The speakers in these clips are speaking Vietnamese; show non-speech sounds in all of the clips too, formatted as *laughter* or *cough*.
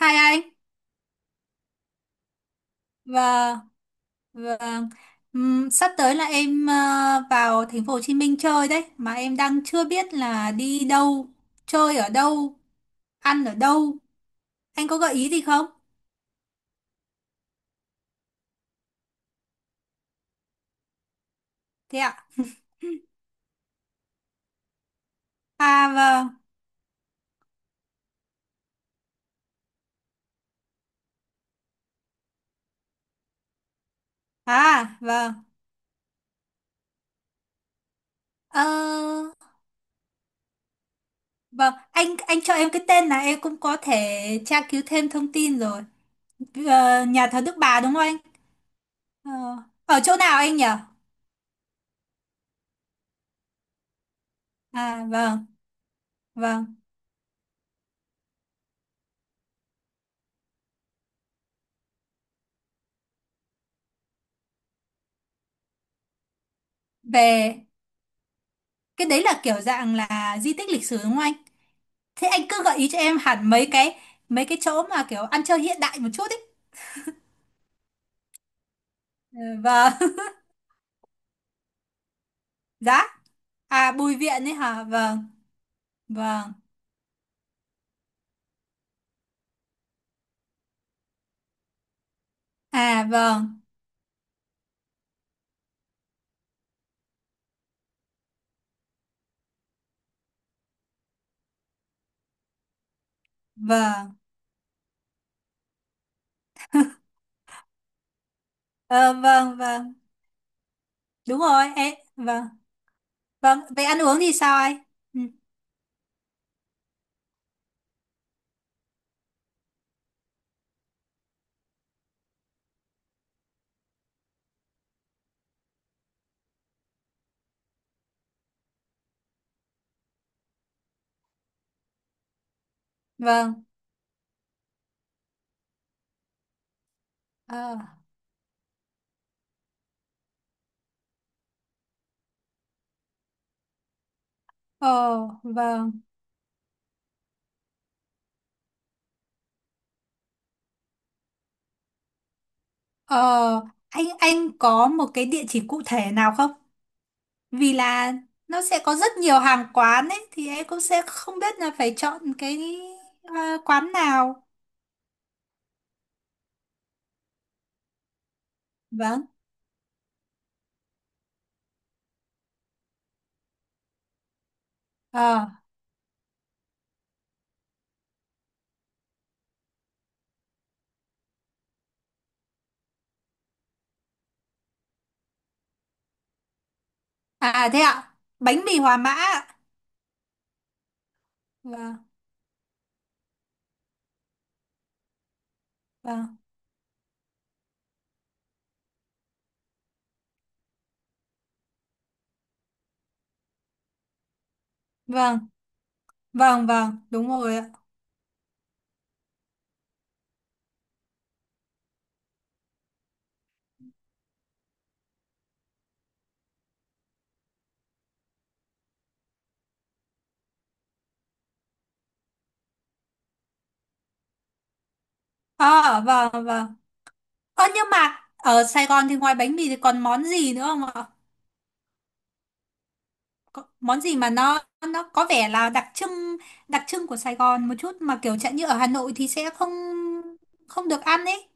Hai anh, vâng, vâng. Sắp tới là em vào thành phố Hồ Chí Minh chơi đấy, mà em đang chưa biết là đi đâu, chơi ở đâu, ăn ở đâu. Anh có gợi ý gì không? Thế ạ. À vâng, à vâng. Ờ, vâng, anh cho em cái tên là em cũng có thể tra cứu thêm thông tin rồi. Nhà thờ Đức Bà đúng không anh? Ờ, Ở chỗ nào anh nhỉ? À vâng, vâng. Về cái đấy là kiểu dạng là di tích lịch sử đúng không anh? Thế anh cứ gợi ý cho em hẳn mấy cái chỗ mà kiểu ăn chơi hiện đại một chút ấy. Ừ, vâng. *laughs* Giá. À Bùi Viện ấy hả? Vâng. Vâng. À vâng. Vâng. Ờ, vâng, vâng. Đúng rồi. Ê, vâng. Vâng, về ăn uống thì sao anh? Ừ, vâng. Ờ. Ờ, vâng. Ờ anh có một cái địa chỉ cụ thể nào không? Vì là nó sẽ có rất nhiều hàng quán ấy thì em cũng sẽ không biết là phải chọn cái quán nào. Vâng. Ờ. À, thế ạ, bánh mì Hòa Mã ạ. Vâng, vâng, vâng, vâng, vâng, đúng rồi ạ. Ờ, vâng, vâng. Ơ, nhưng mà ở Sài Gòn thì ngoài bánh mì thì còn món gì nữa không ạ? Có, món gì mà nó có vẻ là đặc trưng của Sài Gòn một chút mà kiểu chẳng như ở Hà Nội thì sẽ không không được ăn ấy.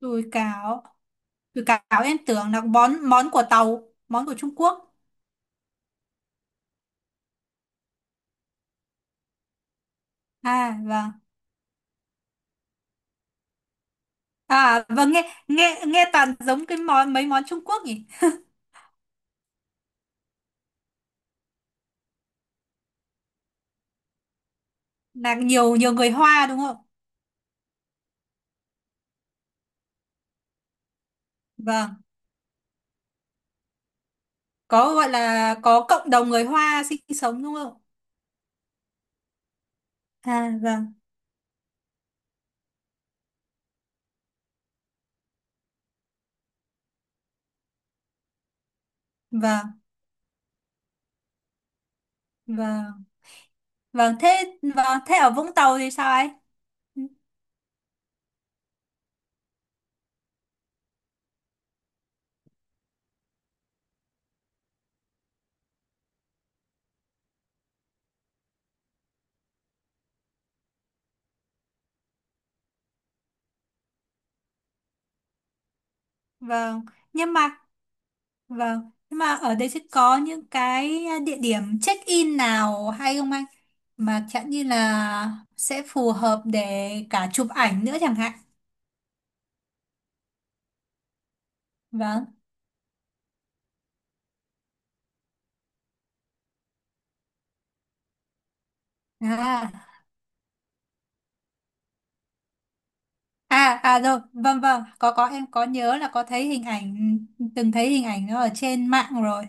Đùi cáo, đùi cáo, em tưởng là món món của Tàu, món của Trung Quốc. À vâng. À vâng, nghe nghe nghe toàn giống cái mấy món Trung Quốc nhỉ? Là nhiều nhiều người Hoa đúng không? Vâng, có gọi là có cộng đồng người Hoa sinh sống đúng không? À vâng, vâng, vâng. Vâng, thế, vâng, thế ở Vũng Tàu thì sao ấy? Vâng, nhưng mà, vâng, nhưng mà ở đây sẽ có những cái địa điểm check-in nào hay không anh? Mà chẳng như là sẽ phù hợp để cả chụp ảnh nữa chẳng hạn. Vâng. À. À à, rồi, vâng vâng, có em có nhớ là có thấy hình ảnh từng thấy hình ảnh nó ở trên mạng rồi.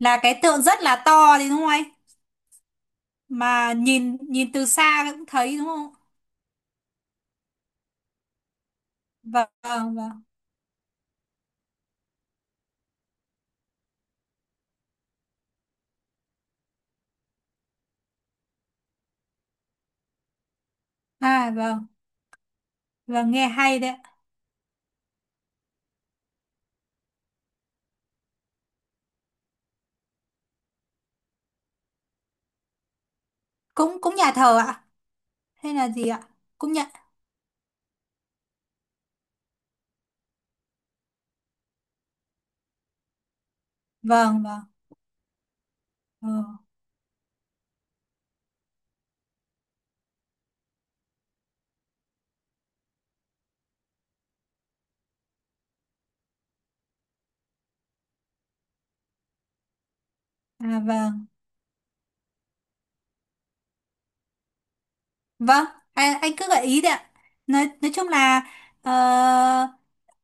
Là cái tượng rất là to thì đúng không anh? Mà nhìn nhìn từ xa cũng thấy đúng không? Vâng, vâng. Vâng. À vâng, vâng, nghe hay đấy. Cũng cũng nhà thờ ạ hay là gì ạ? Cũng nhận. Vâng, vâng. Ờ. À vâng. Vâng, anh cứ gợi ý đấy ạ. Nói chung là ờ,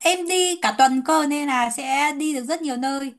em đi cả tuần cơ nên là sẽ đi được rất nhiều nơi.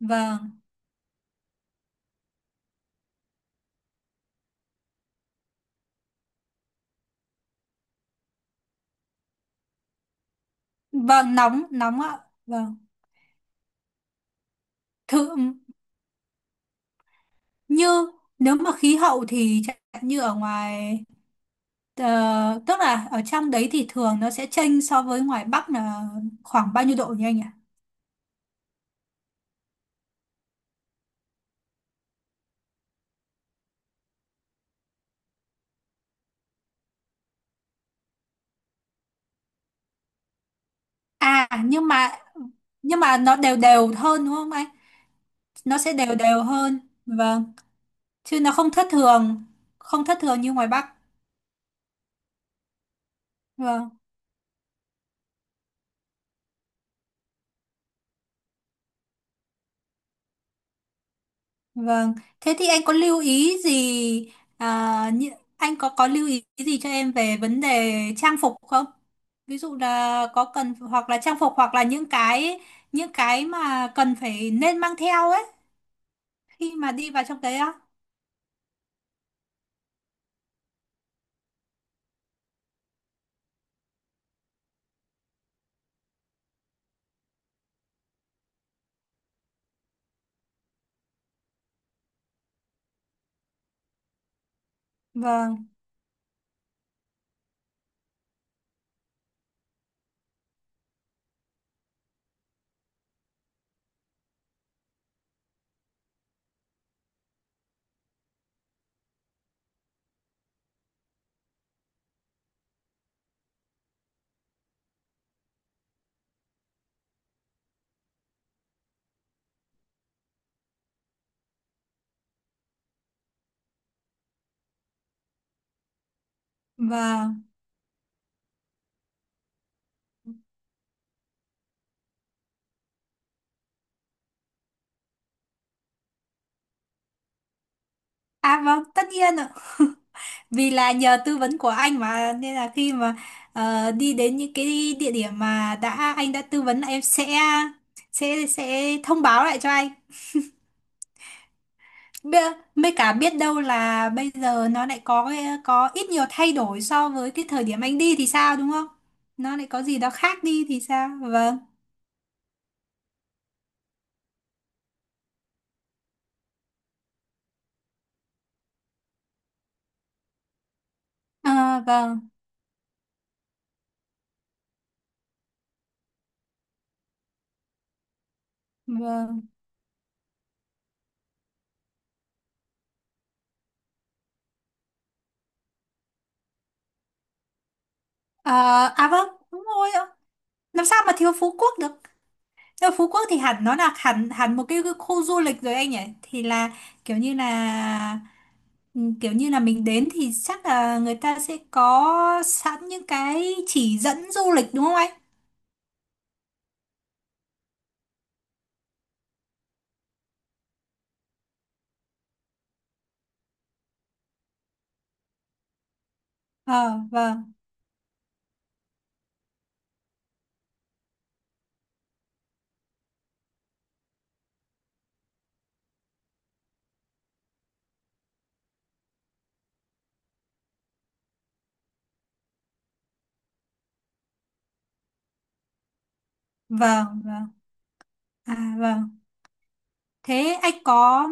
Vâng. Vâng, nóng, nóng ạ. Vâng. Thử như Nếu mà khí hậu thì chẳng hạn như ở ngoài tức là ở trong đấy thì thường nó sẽ chênh so với ngoài Bắc là khoảng bao nhiêu độ nhỉ anh ạ? À, nhưng mà nó đều đều hơn đúng không anh? Nó sẽ đều đều hơn. Vâng. Chứ nó không thất thường, không thất thường như ngoài Bắc. Vâng. Vâng, thế thì anh có lưu ý gì à, như- anh có lưu ý gì cho em về vấn đề trang phục không? Ví dụ là có cần hoặc là trang phục hoặc là những cái mà cần phải nên mang theo ấy khi mà đi vào trong đấy á. Vâng, vâng. À vâng, tất nhiên ạ. *laughs* Vì là nhờ tư vấn của anh mà nên là khi mà đi đến những cái địa điểm mà anh đã tư vấn là em sẽ thông báo lại cho anh. Mấy cả biết đâu là bây giờ nó lại có có ít nhiều thay đổi so với cái thời điểm anh đi thì sao, đúng không? Nó lại có gì đó khác đi thì sao? Vâng. À, vâng, vâng. À, à vâng, đúng rồi ạ. Làm sao mà thiếu Phú Quốc được? Nhưng mà Phú Quốc thì hẳn nó là hẳn hẳn một cái khu du lịch rồi anh nhỉ? Thì là kiểu như là mình đến thì chắc là người ta sẽ có sẵn những cái chỉ dẫn du lịch đúng không anh? Ờ, vâng, vâng, vâng. À vâng. Thế anh có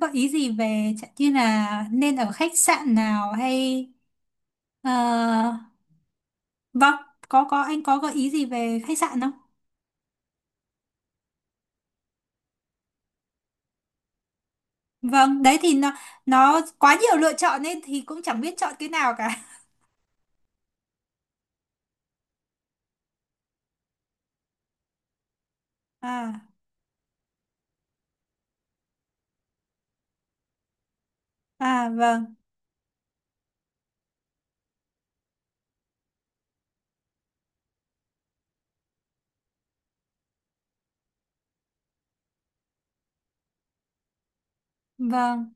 gợi ý gì về chẳng như là nên ở khách sạn nào hay ờ, vâng, có anh có gợi ý gì về khách sạn không? Vâng, đấy thì nó quá nhiều lựa chọn nên thì cũng chẳng biết chọn cái nào cả. *laughs* À à, vâng vâng,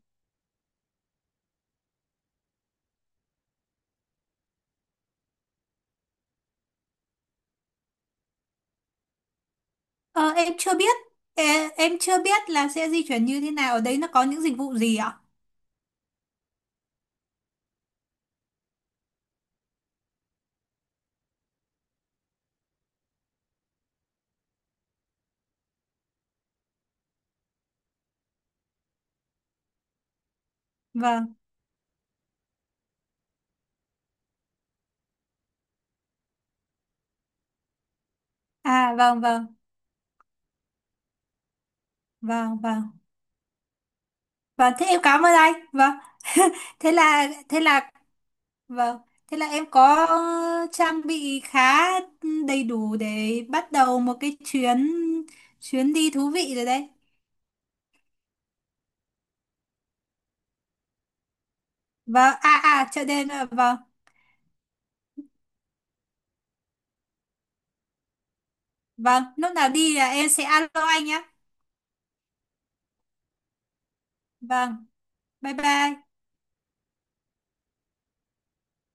ờ, em chưa biết Ê, em chưa biết là sẽ di chuyển như thế nào, ở đấy nó có những dịch vụ gì ạ? Vâng, à, vâng, vâng, vâng, vâng, vâng, thế em cảm ơn anh, vâng. *laughs* Thế là vâng, thế là em có trang bị khá đầy đủ để bắt đầu một cái chuyến chuyến đi thú vị rồi đấy. Vâng, à à, chợ đêm ạ. Vâng, vâng, lúc nào đi là em sẽ alo anh nhé. Vâng, bye bye.